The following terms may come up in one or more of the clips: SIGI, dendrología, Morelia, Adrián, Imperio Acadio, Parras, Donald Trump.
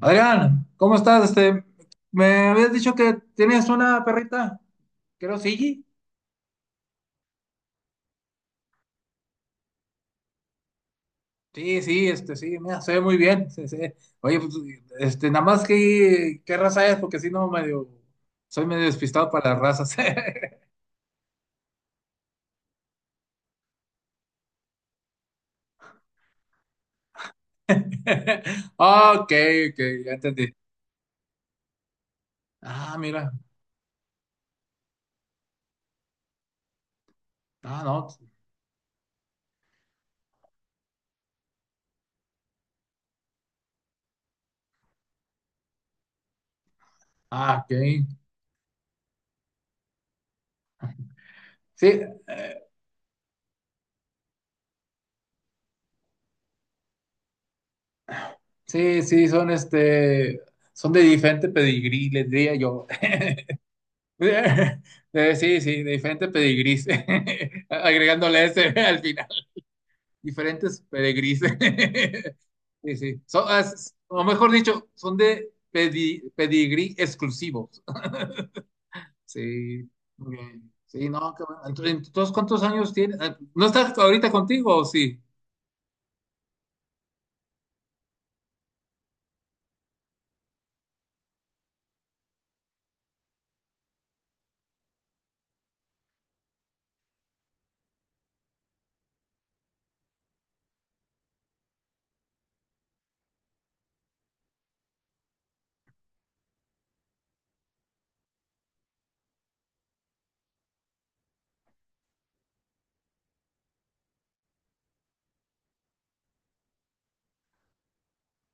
Adrián, ¿cómo estás? Me habías dicho que tienes una perrita, creo, sí. Sí, sí, sí, mira, se ve muy bien. Oye, pues, nada más que, ¿qué raza es? Porque si no, medio, soy medio despistado para las razas. Ok, ok, ya entendí. Ah, mira, ah, no, ah, ok. Sí, sí, sí, son son de diferente pedigrí, les diría yo. Sí, sí, de diferentes pedigrís, agregándole ese al final, diferentes pedigrís. Sí, sí, son, o mejor dicho, son de pedigrí exclusivos. Sí, muy bien. Sí, no, qué bueno. Entonces, ¿cuántos años tienes? Ah, ¿No estás ahorita contigo o sí?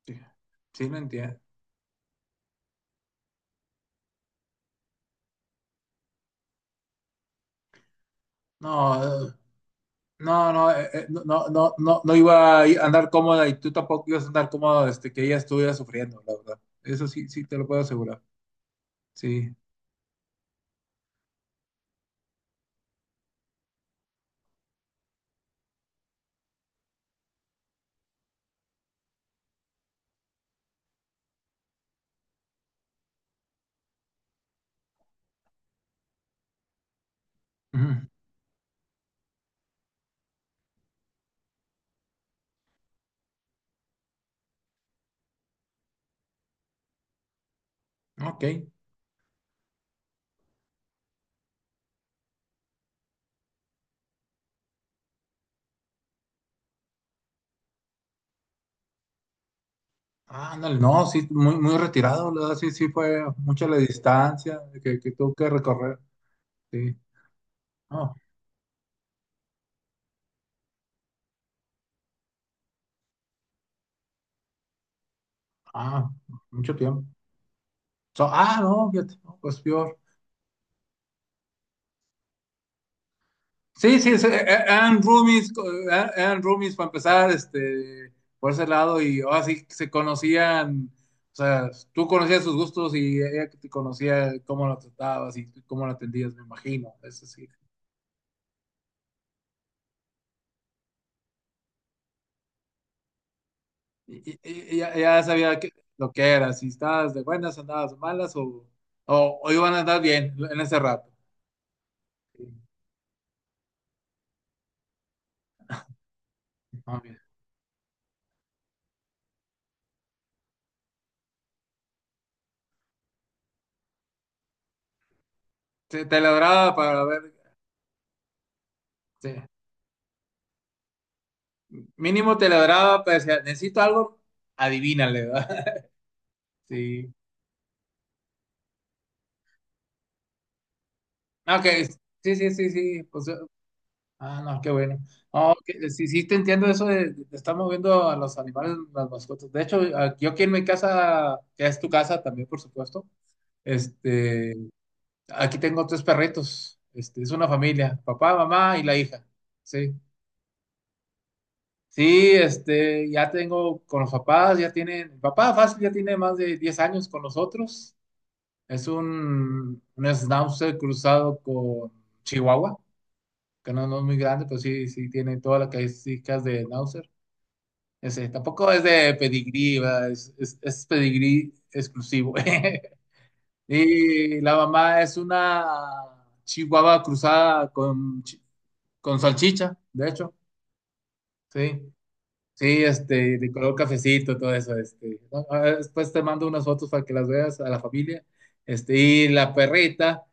Sí, sí, no entiendo. No, No, no, no, no, no, no iba a andar cómoda y tú tampoco ibas a andar cómodo que ella estuviera sufriendo, la verdad. Eso sí, sí, te lo puedo asegurar. Sí. Ujú. Ok. Ah, ándale, no, sí, muy, muy retirado, la verdad, sí, sí, fue mucha la distancia que tuvo que recorrer. Sí. No, ah, mucho tiempo. Ah, no, fíjate, no, pues peor. Sí, sí, sí, eran roomies, eran roomies para empezar, por ese lado, y ahora sí se conocían, o sea, tú conocías sus gustos y ella te conocía cómo lo tratabas y tú cómo lo atendías, me imagino, eso sí. Y, y- y ya, ya sabía lo que era, si estabas de buenas, andabas de malas o iban a andar bien en ese rato. Sí, ah, bien. Te ladraba para ver, sí. Mínimo te ladraba, para decir, necesito algo, adivínale, ¿verdad? Sí. Ah, ok, sí, sí, sí, sí. Pues, ah, no, qué bueno. No, sí, sí, te entiendo eso de estar moviendo a los animales, las mascotas. De hecho, yo aquí en mi casa, que es tu casa también, por supuesto, este, aquí tengo tres perritos. Este, es una familia, papá, mamá y la hija. Sí. Sí, este, ya tengo con los papás, ya tienen, el papá fácil ya tiene más de 10 años con nosotros. Es un schnauzer cruzado con Chihuahua. Que no, no es muy grande, pero sí, sí tiene todas las características de Nauser. Ese, tampoco es de pedigrí, ¿verdad? Es pedigrí exclusivo. Y la mamá es una chihuahua cruzada con, con salchicha, de hecho, sí. Sí, este, de color cafecito, todo eso, este. Ah, ah, después te mando unas fotos para que las veas a la familia. Este, y la perrita.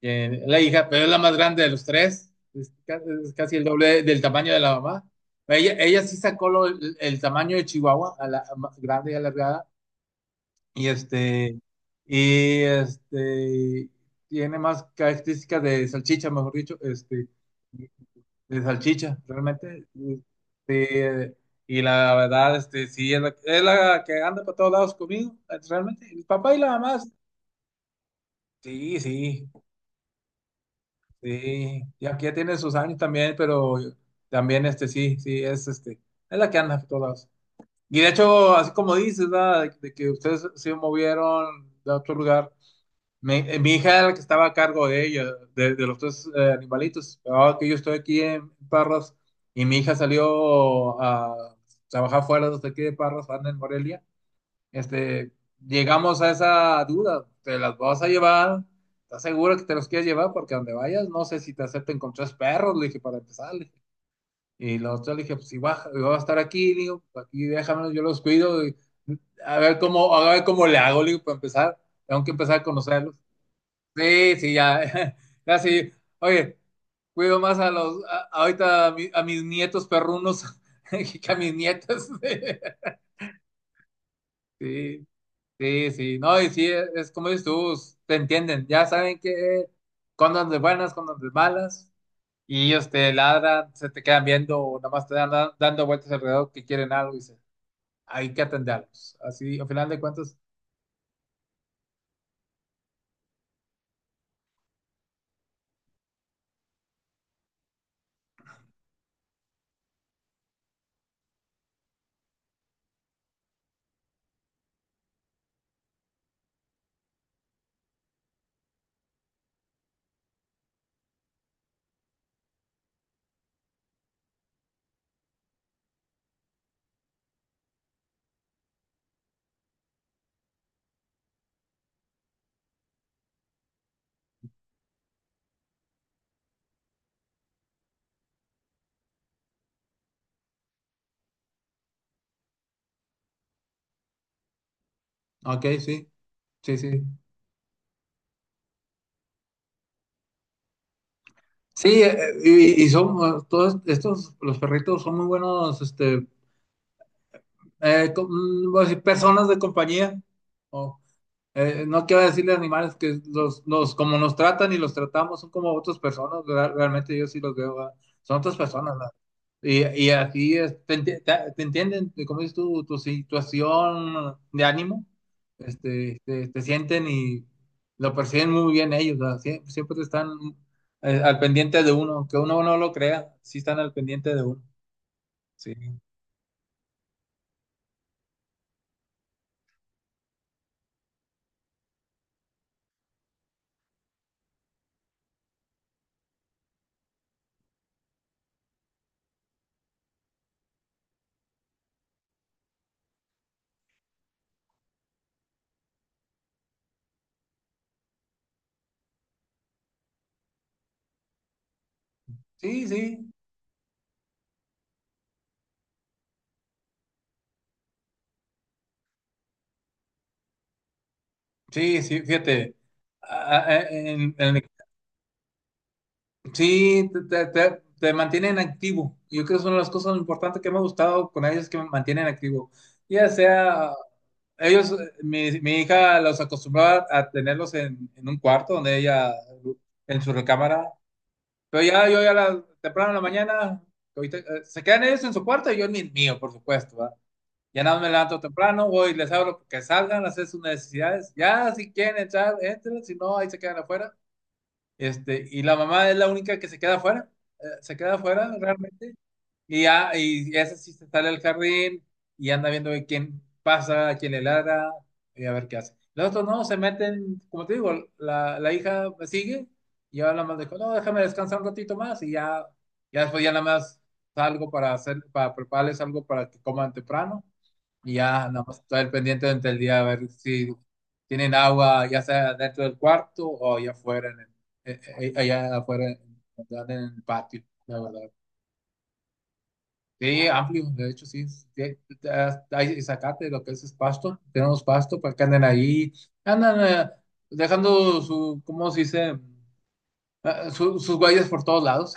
Eh, la hija, pero es la más grande de los tres, es, es casi el doble del tamaño de la mamá. Ella sí sacó el tamaño de Chihuahua, a la, grande y alargada, y este, y este, tiene más características de salchicha, mejor dicho, este, de salchicha, realmente. Este, y la verdad, este, sí, es la que anda para todos lados conmigo, realmente. El papá y la mamá, sí, sí. Sí, y aquí ya tiene sus años también, pero también este sí, sí, es este, es la que anda por todos lados. Y de hecho, así como dices, ¿verdad? De que ustedes se movieron de otro lugar. Mi hija era la que estaba a cargo de ella, de los tres animalitos. Ahora que yo estoy aquí en Parras y mi hija salió a trabajar fuera desde aquí de Parras, anda en Morelia este, llegamos a esa duda, ¿te las vas a llevar? ¿Estás seguro que te los quieres llevar? Porque donde vayas, no sé si te acepten con tres perros, le dije, para empezar, le dije. Y los otros le dije, pues si yo voy a estar aquí, le digo, pues, aquí déjamelo, yo los cuido, y a ver cómo le hago, le digo, para empezar, tengo que empezar a conocerlos. Sí, sí, ya, ya sí, oye, cuido más a los, ahorita a, a mis nietos perrunos que a mis nietas. Sí. Sí, sí, no, y sí, es como dices tú, te entienden, ya saben que cuando de buenas, cuando de malas, y ellos te ladran, se te quedan viendo, o nada más te dando vueltas alrededor que quieren algo, y dicen, hay que atenderlos. Así, al final de cuentas, ok, sí, sí, sí. Sí, y son todos estos, los perritos son muy buenos, este, voy a decir, personas de compañía. No quiero decirle animales que los, como nos tratan y los tratamos son como otras personas, ¿verdad? Realmente yo sí los veo, ¿verdad? Son otras personas, ¿verdad? Y así es, te entienden, como dices tú, tu situación de ánimo, este, te sienten y lo perciben muy bien ellos, ¿verdad? Siempre, están al pendiente de uno, que uno no lo crea, sí están al pendiente de uno. Sí, sí, sí, sí, sí, fíjate, en el sí, te mantienen activo. Yo creo que es una de las cosas importantes que me ha gustado con ellos, que me mantienen activo. Ya sea, ellos, mi hija los acostumbraba a tenerlos en un cuarto donde ella, en su recámara. Pero ya yo ya la, temprano en la mañana, ahorita, se quedan ellos en su cuarto y yo en el mío, por supuesto, ¿va? Ya nada más me levanto temprano, voy y les abro que salgan, hacer sus necesidades. Ya, si quieren entrar, entren, si no, ahí se quedan afuera. Este, y la mamá es la única que se queda afuera realmente, y ya, y esa sí se sale al jardín y anda viendo de quién pasa, a quién le ladra, y a ver qué hace. Los otros no, se meten, como te digo, la hija sigue, y ahora nada más dijo, no, déjame descansar un ratito más, y ya, ya después ya nada más salgo para hacer, para prepararles algo para que coman temprano, y ya nada más estar al pendiente durante el día a ver si tienen agua, ya sea dentro del cuarto o allá afuera, allá afuera, en el patio, la verdad. Sí, amplio, de hecho, sí. Sí, hay zacate, lo que es pasto. Tenemos pasto para que anden ahí. Andan eh, dejando su, ¿cómo se dice? Sus huellas por todos lados.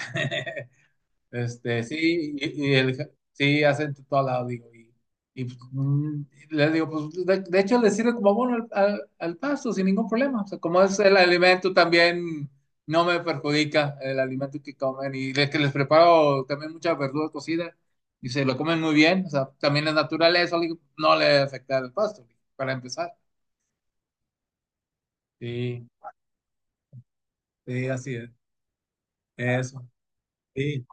Este, sí, y el, sí, acento todo al lado, digo. Y, pues, mm, le digo, pues de hecho le sirve como abono al pasto sin ningún problema. O sea, como es el alimento también, no me perjudica el alimento que comen. Y de que les preparo también mucha verdura cocida y se lo comen muy bien. O sea, también es naturaleza, le digo, no le afecta al pasto, para empezar. Sí, sí, así es. Eso. Sí.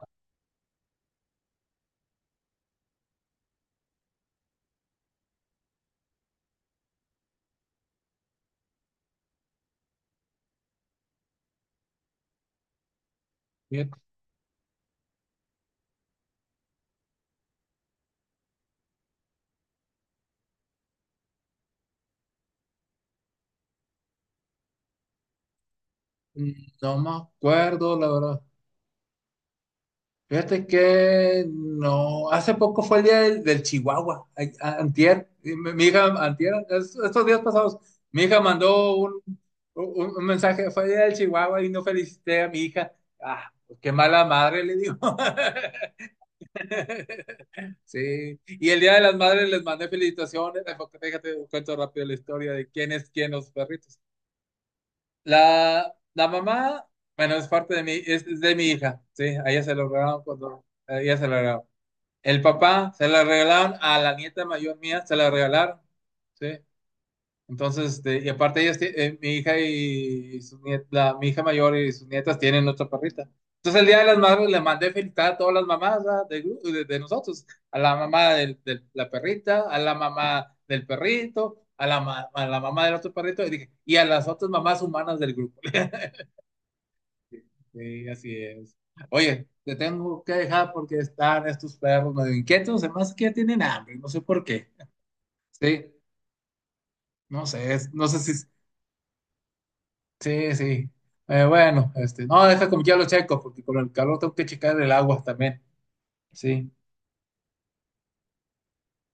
Fíjate, mm, no me acuerdo, la verdad. Fíjate que no, hace poco fue el día del Chihuahua, ay, antier, y mi hija, antier, estos días pasados, mi hija mandó un mensaje, fue el día del Chihuahua y no felicité a mi hija. Ah, pues qué mala madre, le digo. Sí, y el día de las madres les mandé felicitaciones, porque fíjate, cuento rápido la historia de quién es quién los perritos. La mamá, bueno, es parte de mi, es de mi hija, sí, a ella se lo regalaron cuando, a ella se lo regalaron. El papá se la regalaron a la nieta mayor mía, se la regalaron, ¿sí? Entonces, este, y aparte ellas, mi hija y su mi hija mayor y sus nietas tienen otra perrita. Entonces, el Día de las Madres le mandé felicitar a todas las mamás, ¿verdad? De nosotros, a la mamá de la perrita, a la mamá del perrito, a la, a la mamá del otro perrito, y dije, y a las otras mamás humanas del grupo. Sí, así es. Oye, te tengo que dejar porque están estos perros medio inquietos, además que ya tienen hambre, no sé por qué. Sí, no sé, no sé si... Sí, sí. Bueno, este, no, deja como ya lo checo, porque con el calor tengo que checar el agua también. Sí.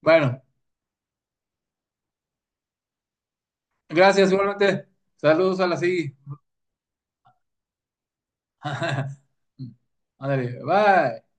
Bueno, gracias igualmente. Saludos a la SIGI. Ándale, bye.